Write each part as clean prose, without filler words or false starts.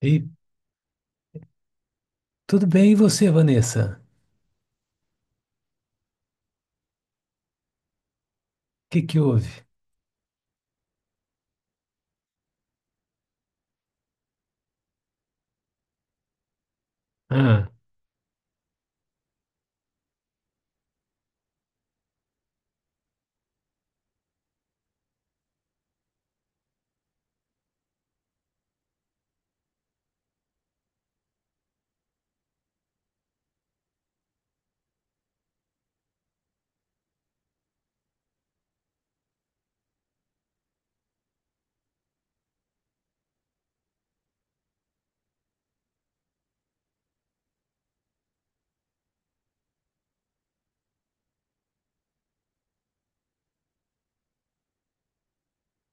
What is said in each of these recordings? E tudo bem, e você, Vanessa? O que que houve? Ah,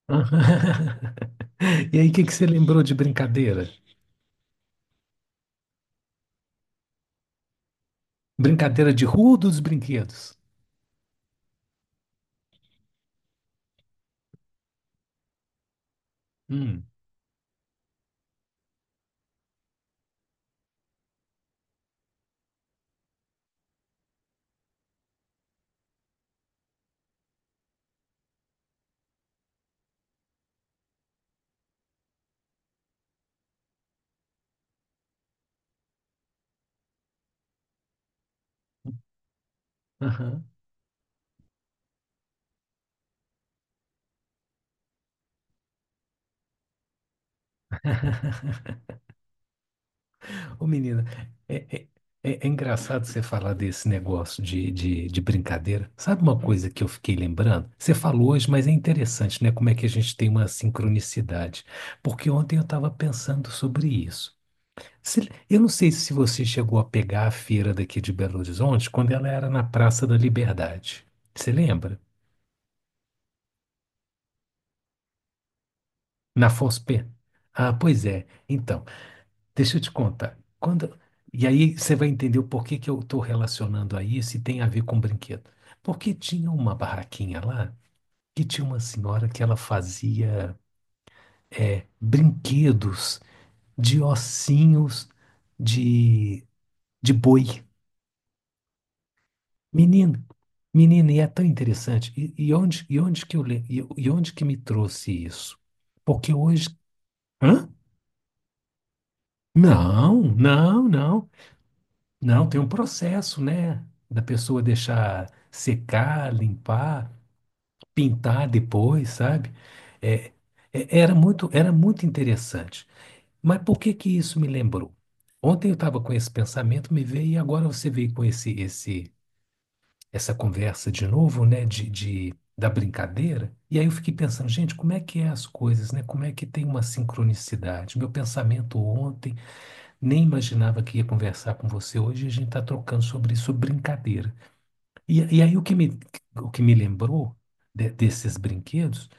ah. E aí, o que que você lembrou de brincadeira? Brincadeira de rua ou dos brinquedos? Hum, aham. Ô, menina, é, é- é engraçado você falar desse negócio de brincadeira. Sabe uma coisa que eu fiquei lembrando? Você falou hoje, mas é interessante, né? Como é que a gente tem uma sincronicidade. Porque ontem eu estava pensando sobre isso. Eu não sei se você chegou a pegar a feira daqui de Belo Horizonte quando ela era na Praça da Liberdade. Você lembra? Na FOSP? Ah, pois é. Então, deixa eu te contar. Quando... E aí você vai entender o porquê que eu estou relacionando a isso e tem a ver com brinquedo. Porque tinha uma barraquinha lá que tinha uma senhora que ela fazia brinquedos de ossinhos de, de boi. Menino, menino, e é tão interessante. E onde que eu, le- e onde que me trouxe isso? Porque hoje, hã? Não, não, não, não. Tem um processo, né? Da pessoa deixar secar, limpar, pintar depois, sabe? É, era muito interessante. Mas por que que isso me lembrou? Ontem eu estava com esse pensamento, me veio e agora você veio com esse essa conversa de novo, né, de, da brincadeira. E aí eu fiquei pensando, gente, como é que é as coisas, né? Como é que tem uma sincronicidade? Meu pensamento ontem, nem imaginava que ia conversar com você hoje, e a gente está trocando sobre isso, sobre brincadeira. E aí o que me lembrou desses brinquedos,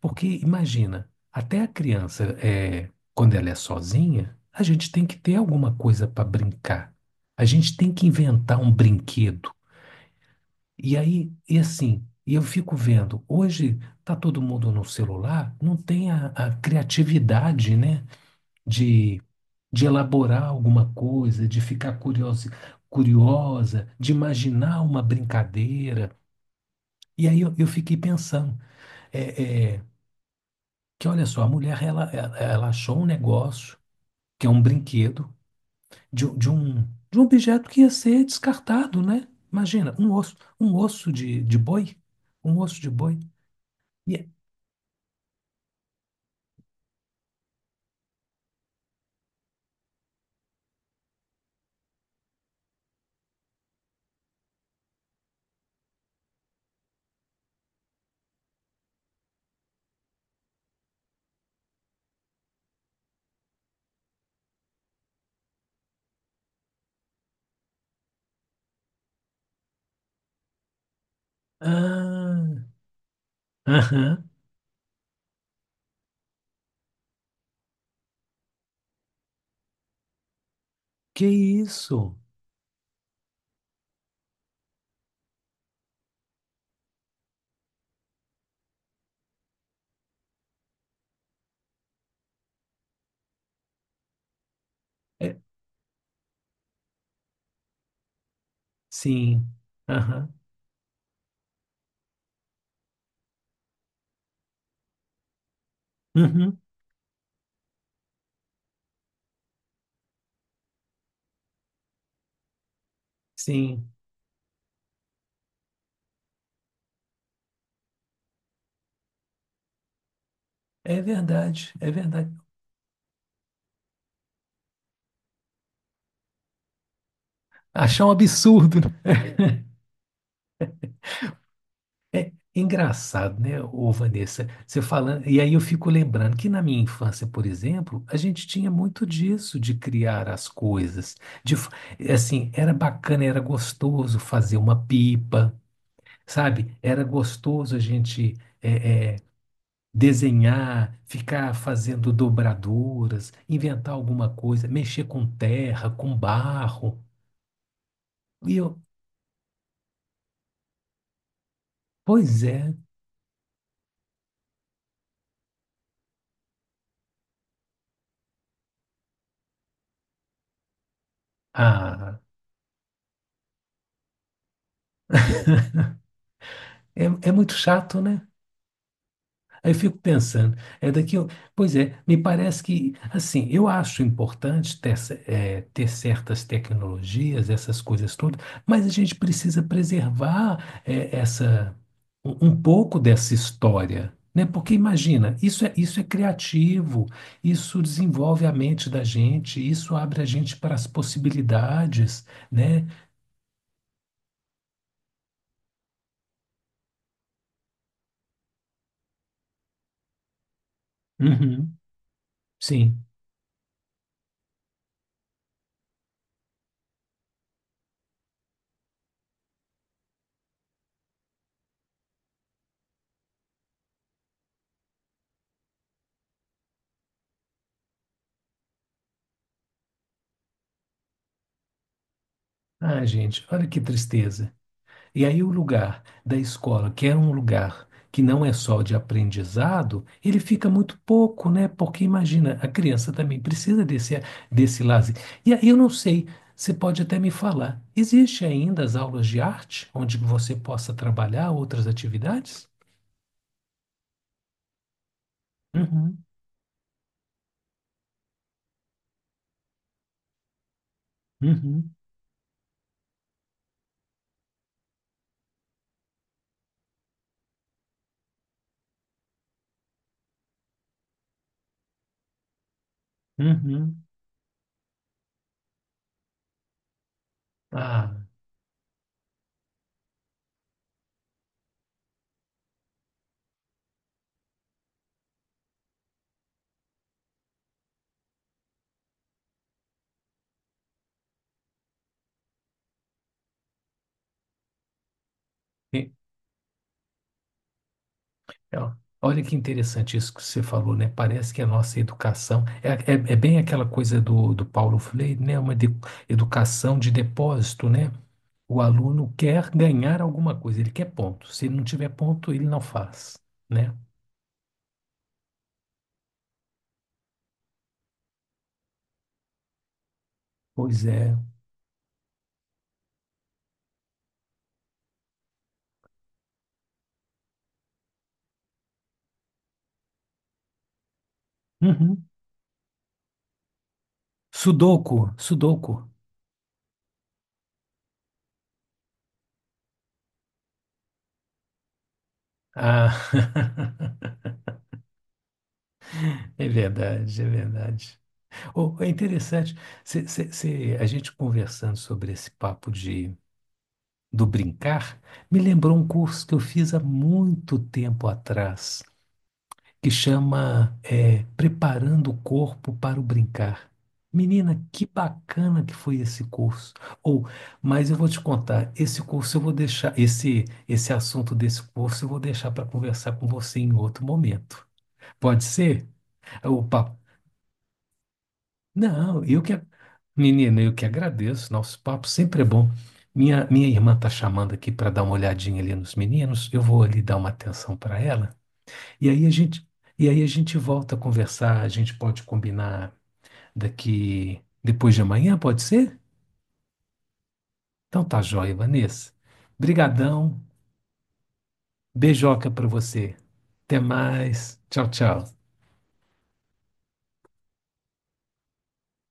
porque imagina, até a criança, é, quando ela é sozinha, a gente tem que ter alguma coisa para brincar. A gente tem que inventar um brinquedo e aí, e assim, e eu fico vendo, hoje tá todo mundo no celular, não tem a criatividade, né, de, de elaborar alguma coisa, de ficar curiosa, curiosa, de imaginar uma brincadeira. E aí eu fiquei pensando, é, é, que olha só, a mulher, ela ela achou um negócio, que é um brinquedo, de, um- de um, de um objeto que ia ser descartado, né? Imagina, um osso de boi, um osso de boi. E, ah, aham. Que isso? É, sim. Aham. Uhum. Sim. É verdade, é verdade. Achar um absurdo, né? Engraçado, né, ô Vanessa? Você falando, e aí eu fico lembrando que na minha infância, por exemplo, a gente tinha muito disso de criar as coisas. De, fa- é assim, era bacana, era gostoso fazer uma pipa, sabe? Era gostoso a gente é, é, desenhar, ficar fazendo dobraduras, inventar alguma coisa, mexer com terra, com barro. E eu, pois é, ah, é, é muito chato, né? Aí eu fico pensando, é daqui, pois é, me parece que, assim, eu acho importante ter, ter certas tecnologias, essas coisas todas, mas a gente precisa preservar, eh, essa, um pouco dessa história, né? Porque imagina, isso é criativo, isso desenvolve a mente da gente, isso abre a gente para as possibilidades, né? Uhum, sim. Ah, gente, olha que tristeza. E aí o lugar da escola, que era um lugar que não é só de aprendizado, ele fica muito pouco, né? Porque imagina, a criança também precisa desse, desse lazer. E aí eu não sei, você pode até me falar, existe ainda as aulas de arte, onde você possa trabalhar outras atividades? Uhum, uhum, uhum. Ah, é, ó. Olha que interessante isso que você falou, né? Parece que a nossa educação é bem aquela coisa do, do Paulo Freire, né? Educação de depósito, né? O aluno quer ganhar alguma coisa, ele quer ponto. Se ele não tiver ponto, ele não faz, né? Pois é. Uhum. Sudoku, Sudoku. Ah, é verdade, é verdade. Oh, é interessante. A gente conversando sobre esse papo de do brincar me lembrou um curso que eu fiz há muito tempo atrás, que chama é, Preparando o Corpo para o Brincar. Menina, que bacana que foi esse curso. Ou, mas eu vou te contar, esse curso eu vou deixar, esse assunto desse curso eu vou deixar para conversar com você em outro momento. Pode ser? O papo. Não, eu que. Menina, eu que agradeço. Nosso papo sempre é bom. Minha irmã tá chamando aqui para dar uma olhadinha ali nos meninos. Eu vou ali dar uma atenção para ela. E aí a gente, e aí a gente volta a conversar. A gente pode combinar daqui depois de amanhã, pode ser? Então tá joia, Vanessa. Brigadão. Beijoca para você. Até mais. Tchau, tchau.